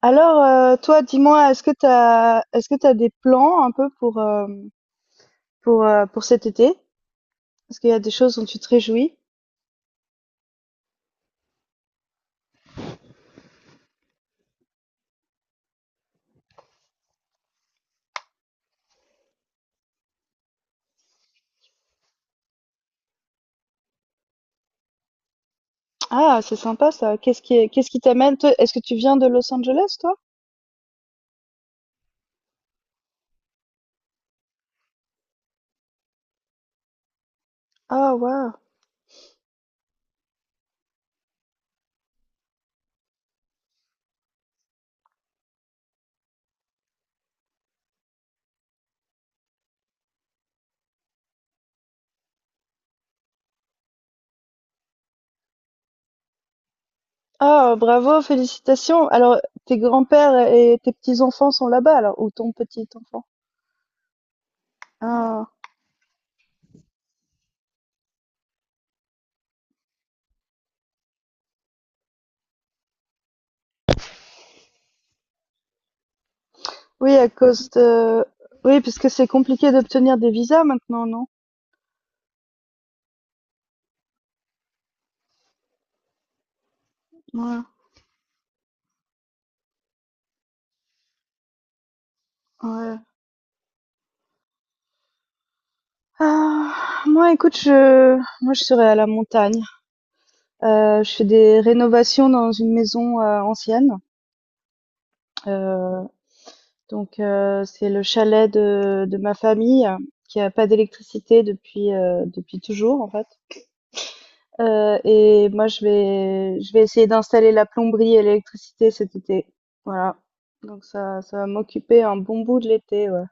Alors, toi, dis-moi, est-ce que t'as des plans un peu pour cet été? Est-ce qu'il y a des choses dont tu te réjouis? Ah, c'est sympa ça. Qu'est-ce qui t'amène? Toi, est-ce que tu viens de Los Angeles, toi? Ah, waouh. Ah, bravo, félicitations. Alors, tes grands-pères et tes petits-enfants sont là-bas, alors, ou ton petit-enfant? Ah, oui, à cause de, oui, puisque c'est compliqué d'obtenir des visas maintenant, non? Ouais, ouais. Ah, moi, écoute, moi, je serais à la montagne. Je fais des rénovations dans une maison, ancienne. Heu, donc heu, c'est le chalet de ma famille, qui a pas d'électricité depuis toujours, en fait. Et moi, je vais essayer d'installer la plomberie et l'électricité cet été. Voilà, donc ça va m'occuper un bon bout de l'été, ouais.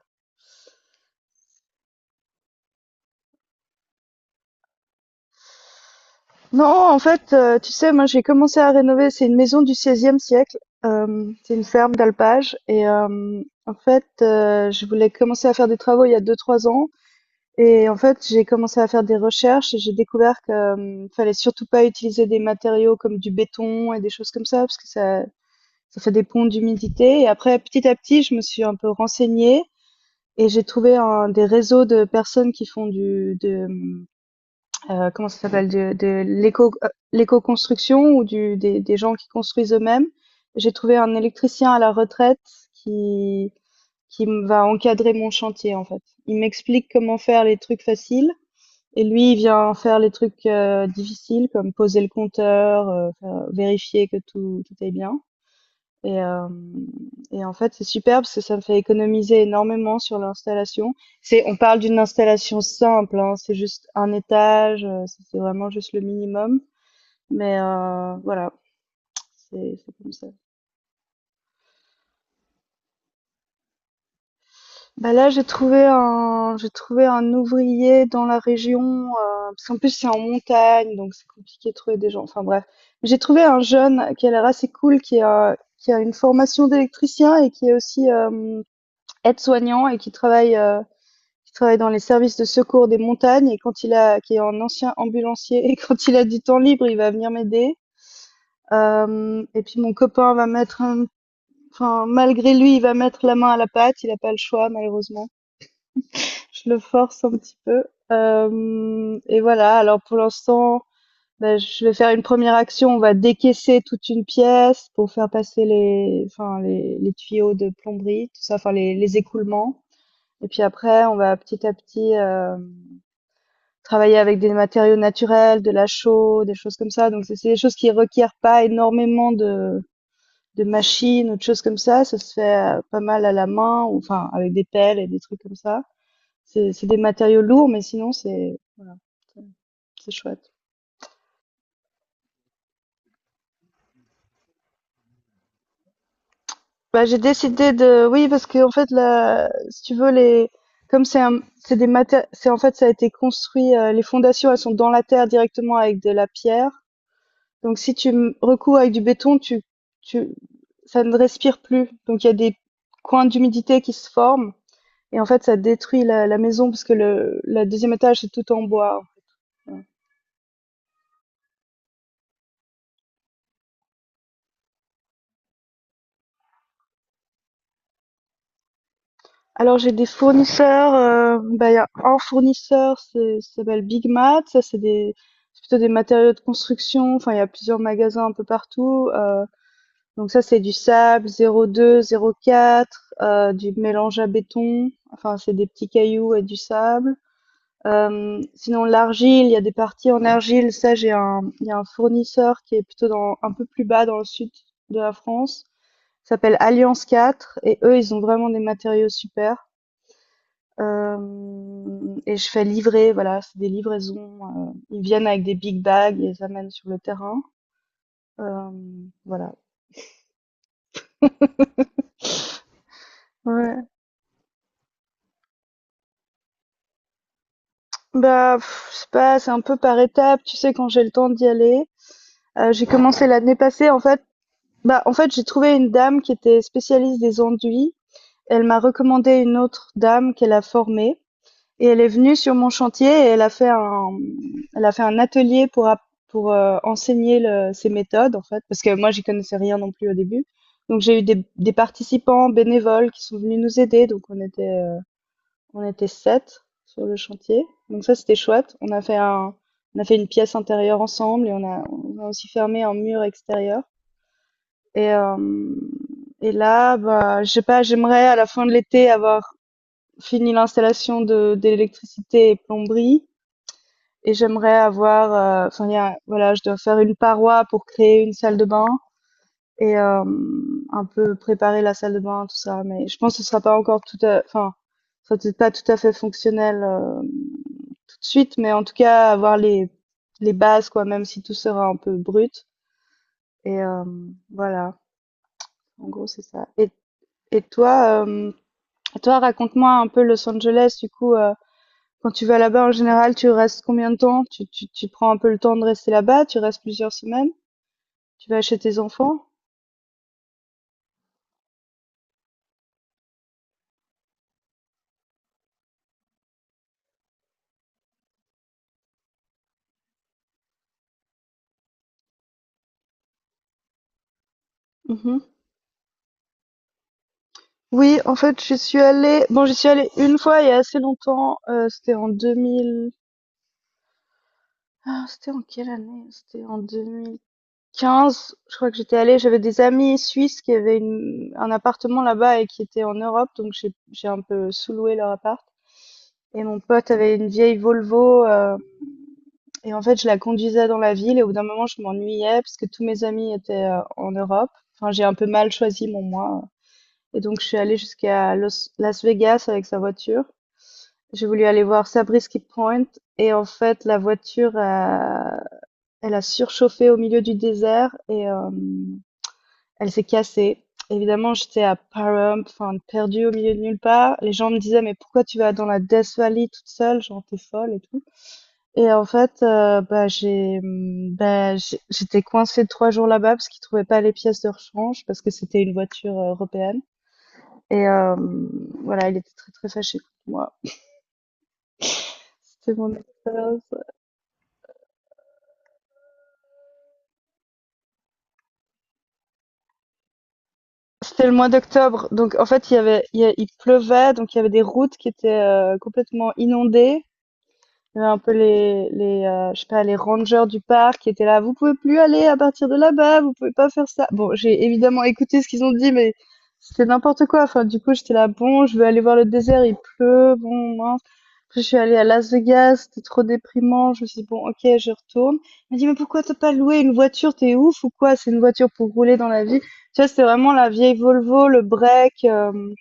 Non, en fait, tu sais, moi, j'ai commencé à rénover, c'est une maison du XVIe siècle. C'est une ferme d'alpage. Et en fait, je voulais commencer à faire des travaux il y a 2-3 ans, et en fait, j'ai commencé à faire des recherches et j'ai découvert que, fallait surtout pas utiliser des matériaux comme du béton et des choses comme ça, parce que ça fait des ponts d'humidité. Et après petit à petit, je me suis un peu renseignée, et j'ai trouvé un des réseaux de personnes qui font du de, mmh comment ça s'appelle — de l'éco, l'éco-construction, ou des gens qui construisent eux-mêmes. J'ai trouvé un électricien à la retraite qui, qui me va encadrer mon chantier, en fait. Il m'explique comment faire les trucs faciles. Et lui, il vient faire les trucs difficiles, comme poser le compteur, vérifier que tout est bien. Et, hem et en fait, c'est super parce que ça me fait économiser énormément sur l'installation. C'est on parle d'une installation simple, hein, c'est juste un étage, c'est vraiment juste le minimum, mais voilà, c'est comme ça. Bah, là, j'ai trouvé un ouvrier dans la région. heu, Parce qu'en plus, c'est en montagne, donc c'est compliqué de trouver des gens, enfin bref. J'ai trouvé un jeune qui a l'air assez cool, qui a une formation d'électricien et qui est aussi, aide-soignant et qui travaille dans les services de secours des montagnes et qui est un ancien ambulancier et quand il a du temps libre, il va venir m'aider. Et puis mon copain va mettre enfin malgré lui, il va mettre la main à la pâte. Il n'a pas le choix malheureusement. Je le force un petit peu. Et voilà. Alors pour l'instant, ben, je vais faire une première action. On va décaisser toute une pièce pour faire passer les tuyaux de plomberie, tout ça, les écoulements. Et puis après, on va petit à petit travailler avec des matériaux naturels, de la chaux, des choses comme ça. Donc c'est des choses qui requièrent pas énormément de machines ou de choses comme ça. Ça se fait, pas mal à la main, ou enfin avec des pelles et des trucs comme ça. C'est des matériaux lourds, mais sinon c'est voilà, c'est c'est chouette. Bah, j'ai décidé de oui parce que en fait là, si tu veux les comme c'est un c'est en fait, ça a été construit, les fondations, elles sont dans la terre directement avec de la pierre. Donc si tu recours avec du béton, tu, ça ne respire plus. Donc il y a des coins d'humidité qui se forment. Et en fait, ça détruit la maison parce que le deuxième étage, c'est tout en bois. Voilà. Alors j'ai des fournisseurs. Il y a un fournisseur, ça s'appelle Big Mat. C'est plutôt des matériaux de construction. Enfin, il y a plusieurs magasins un peu partout. Donc ça, c'est du sable 02, 04, du mélange à béton. Enfin, c'est des petits cailloux et du sable. Sinon l'argile, il y a des parties en argile. Ça, il y a un fournisseur qui est plutôt un peu plus bas dans le sud de la France. Ça s'appelle Alliance 4 et eux, ils ont vraiment des matériaux super. Et je fais livrer, voilà, c'est des livraisons. Ils viennent avec des big bags et ils amènent sur le terrain. Euh, voilà. Ouais. Bah, pff, c'est pas, c'est un peu par étapes. Tu sais, quand j'ai le temps d'y aller. J'ai commencé l'année passée, en fait. Bah, en fait, j'ai trouvé une dame qui était spécialiste des enduits. Elle m'a recommandé une autre dame qu'elle a formée, et elle est venue sur mon chantier et elle a fait un atelier pour enseigner ses méthodes en fait, parce que moi j'y connaissais rien non plus au début. Donc j'ai eu des participants bénévoles qui sont venus nous aider, donc on était sept sur le chantier. Donc ça c'était chouette. On a fait une pièce intérieure ensemble et on a aussi fermé un mur extérieur. Et, euh, et là, bah, je sais pas, j'aimerais à la fin de l'été avoir fini l'installation de d'électricité et plomberie, et j'aimerais avoir, voilà, je dois faire une paroi pour créer une salle de bain et un peu préparer la salle de bain, tout ça. Mais je pense que ce sera pas encore ça peut pas tout à fait fonctionnel tout de suite, mais en tout cas avoir les bases, quoi, même si tout sera un peu brut. Et voilà, en gros c'est ça. Et toi, raconte-moi un peu Los Angeles, du coup. Quand tu vas là-bas, en général, tu restes combien de temps? Tu prends un peu le temps de rester là-bas? Tu restes plusieurs semaines? Tu vas chez tes enfants? Mhm. Oui, en fait, je suis allée. Bon, j'y suis allée une fois il y a assez longtemps. C'était en 2000. Ah, c'était en quelle année? C'était en 2015 je crois que j'étais allée. J'avais des amis suisses qui avaient un appartement là-bas et qui étaient en Europe, donc j'ai un peu sous-loué leur appart. Et mon pote avait une vieille Volvo, et en fait je la conduisais dans la ville, et au bout d'un moment je m'ennuyais parce que tous mes amis étaient en Europe. Enfin, j'ai un peu mal choisi mon mois. Et donc je suis allée jusqu'à Las Vegas avec sa voiture. J'ai voulu aller voir Sabrisky Point, et en fait elle a surchauffé au milieu du désert. Elle s'est cassée. Évidemment, j'étais à Parham, enfin, perdue au milieu de nulle part. Les gens me disaient, mais pourquoi tu vas dans la Death Valley toute seule? Genre, t'es folle et tout. Et en fait, j'étais coincée 3 jours là-bas parce qu'ils trouvaient pas les pièces de rechange parce que c'était une voiture européenne. Et voilà, il était très très fâché contre moi. C'était mon expérience. C'était le mois d'octobre, donc en fait il pleuvait, donc il y avait des routes qui étaient complètement inondées. Il y avait un peu les je sais pas — les rangers du parc qui étaient là: «Vous pouvez plus aller à partir de là-bas, vous pouvez pas faire ça». Bon, j'ai évidemment écouté ce qu'ils ont dit, mais c'était n'importe quoi. Enfin, du coup, j'étais là: «Bon, je veux aller voir le désert, il pleut, bon, mince». Après, je suis allée à Las Vegas, c'était trop déprimant. Je me suis dit: «Bon, OK, je retourne». Il m'a dit: «Mais pourquoi t'as pas loué une voiture? T'es ouf ou quoi? C'est une voiture pour rouler dans la vie». Tu vois, c'était vraiment la vieille Volvo, le break. Hem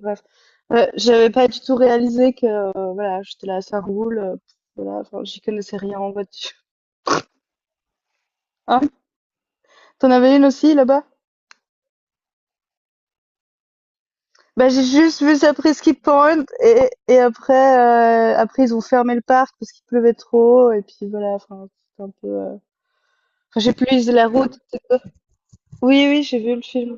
Bref. Ouais, j'avais pas du tout réalisé que voilà, j'étais là, ça roule, voilà, enfin, j'y connaissais rien en voiture. Hein? T'en avais une aussi là-bas? Bah, j'ai juste vu ça, Presqu'y Point, et après, après ils ont fermé le parc parce qu'il pleuvait trop et puis voilà, enfin, c'était un peu. Enfin, j'ai plus la route. Oui, oui, j'ai vu le film.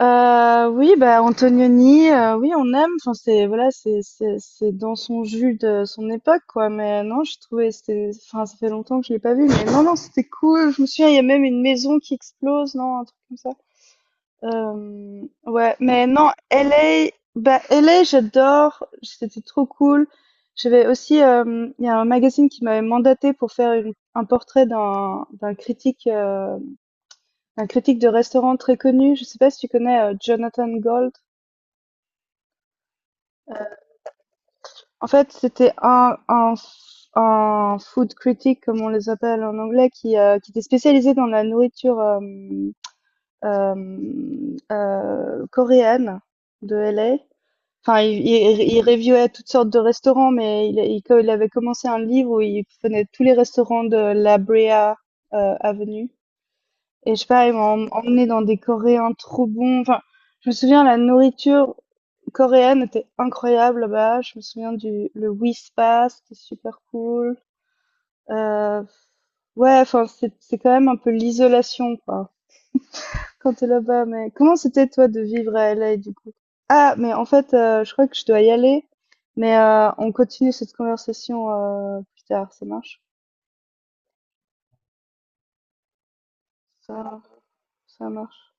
Oui, bah, Antonioni, oui, on aime, enfin, c'est voilà, c'est dans son jus, de son époque, quoi, mais non, je trouvais, ça fait longtemps que je l'ai pas vu, mais non, non, c'était cool. Je me souviens, il y a même une maison qui explose, non, un truc comme ça? Ouais, mais non, LA, LA, j'adore, c'était trop cool. J'avais aussi, il y a un magazine qui m'avait mandaté pour faire une un portrait d'un critique de restaurant très connu. Je sais pas si tu connais, Jonathan Gold? En fait, c'était un food critic, comme on les appelle en anglais, qui était spécialisé dans la nourriture, coréenne de L. A. Enfin, il reviewait toutes sortes de restaurants, mais il avait commencé un livre où il prenait tous les restaurants de La Brea, avenue. Et je sais pas, ils m'ont emmenée dans des Coréens trop bons. Enfin, je me souviens, la nourriture coréenne était incroyable là-bas. Je me souviens du le Whispa, c'était super cool. Euh, ouais, enfin, c'est quand même un peu l'isolation, quoi, quand t'es là-bas. Mais comment c'était, toi, de vivre à LA, du coup? Ah, mais en fait, je crois que je dois y aller. Mais on continue cette conversation plus tard. Ça marche? Ça, ça marche.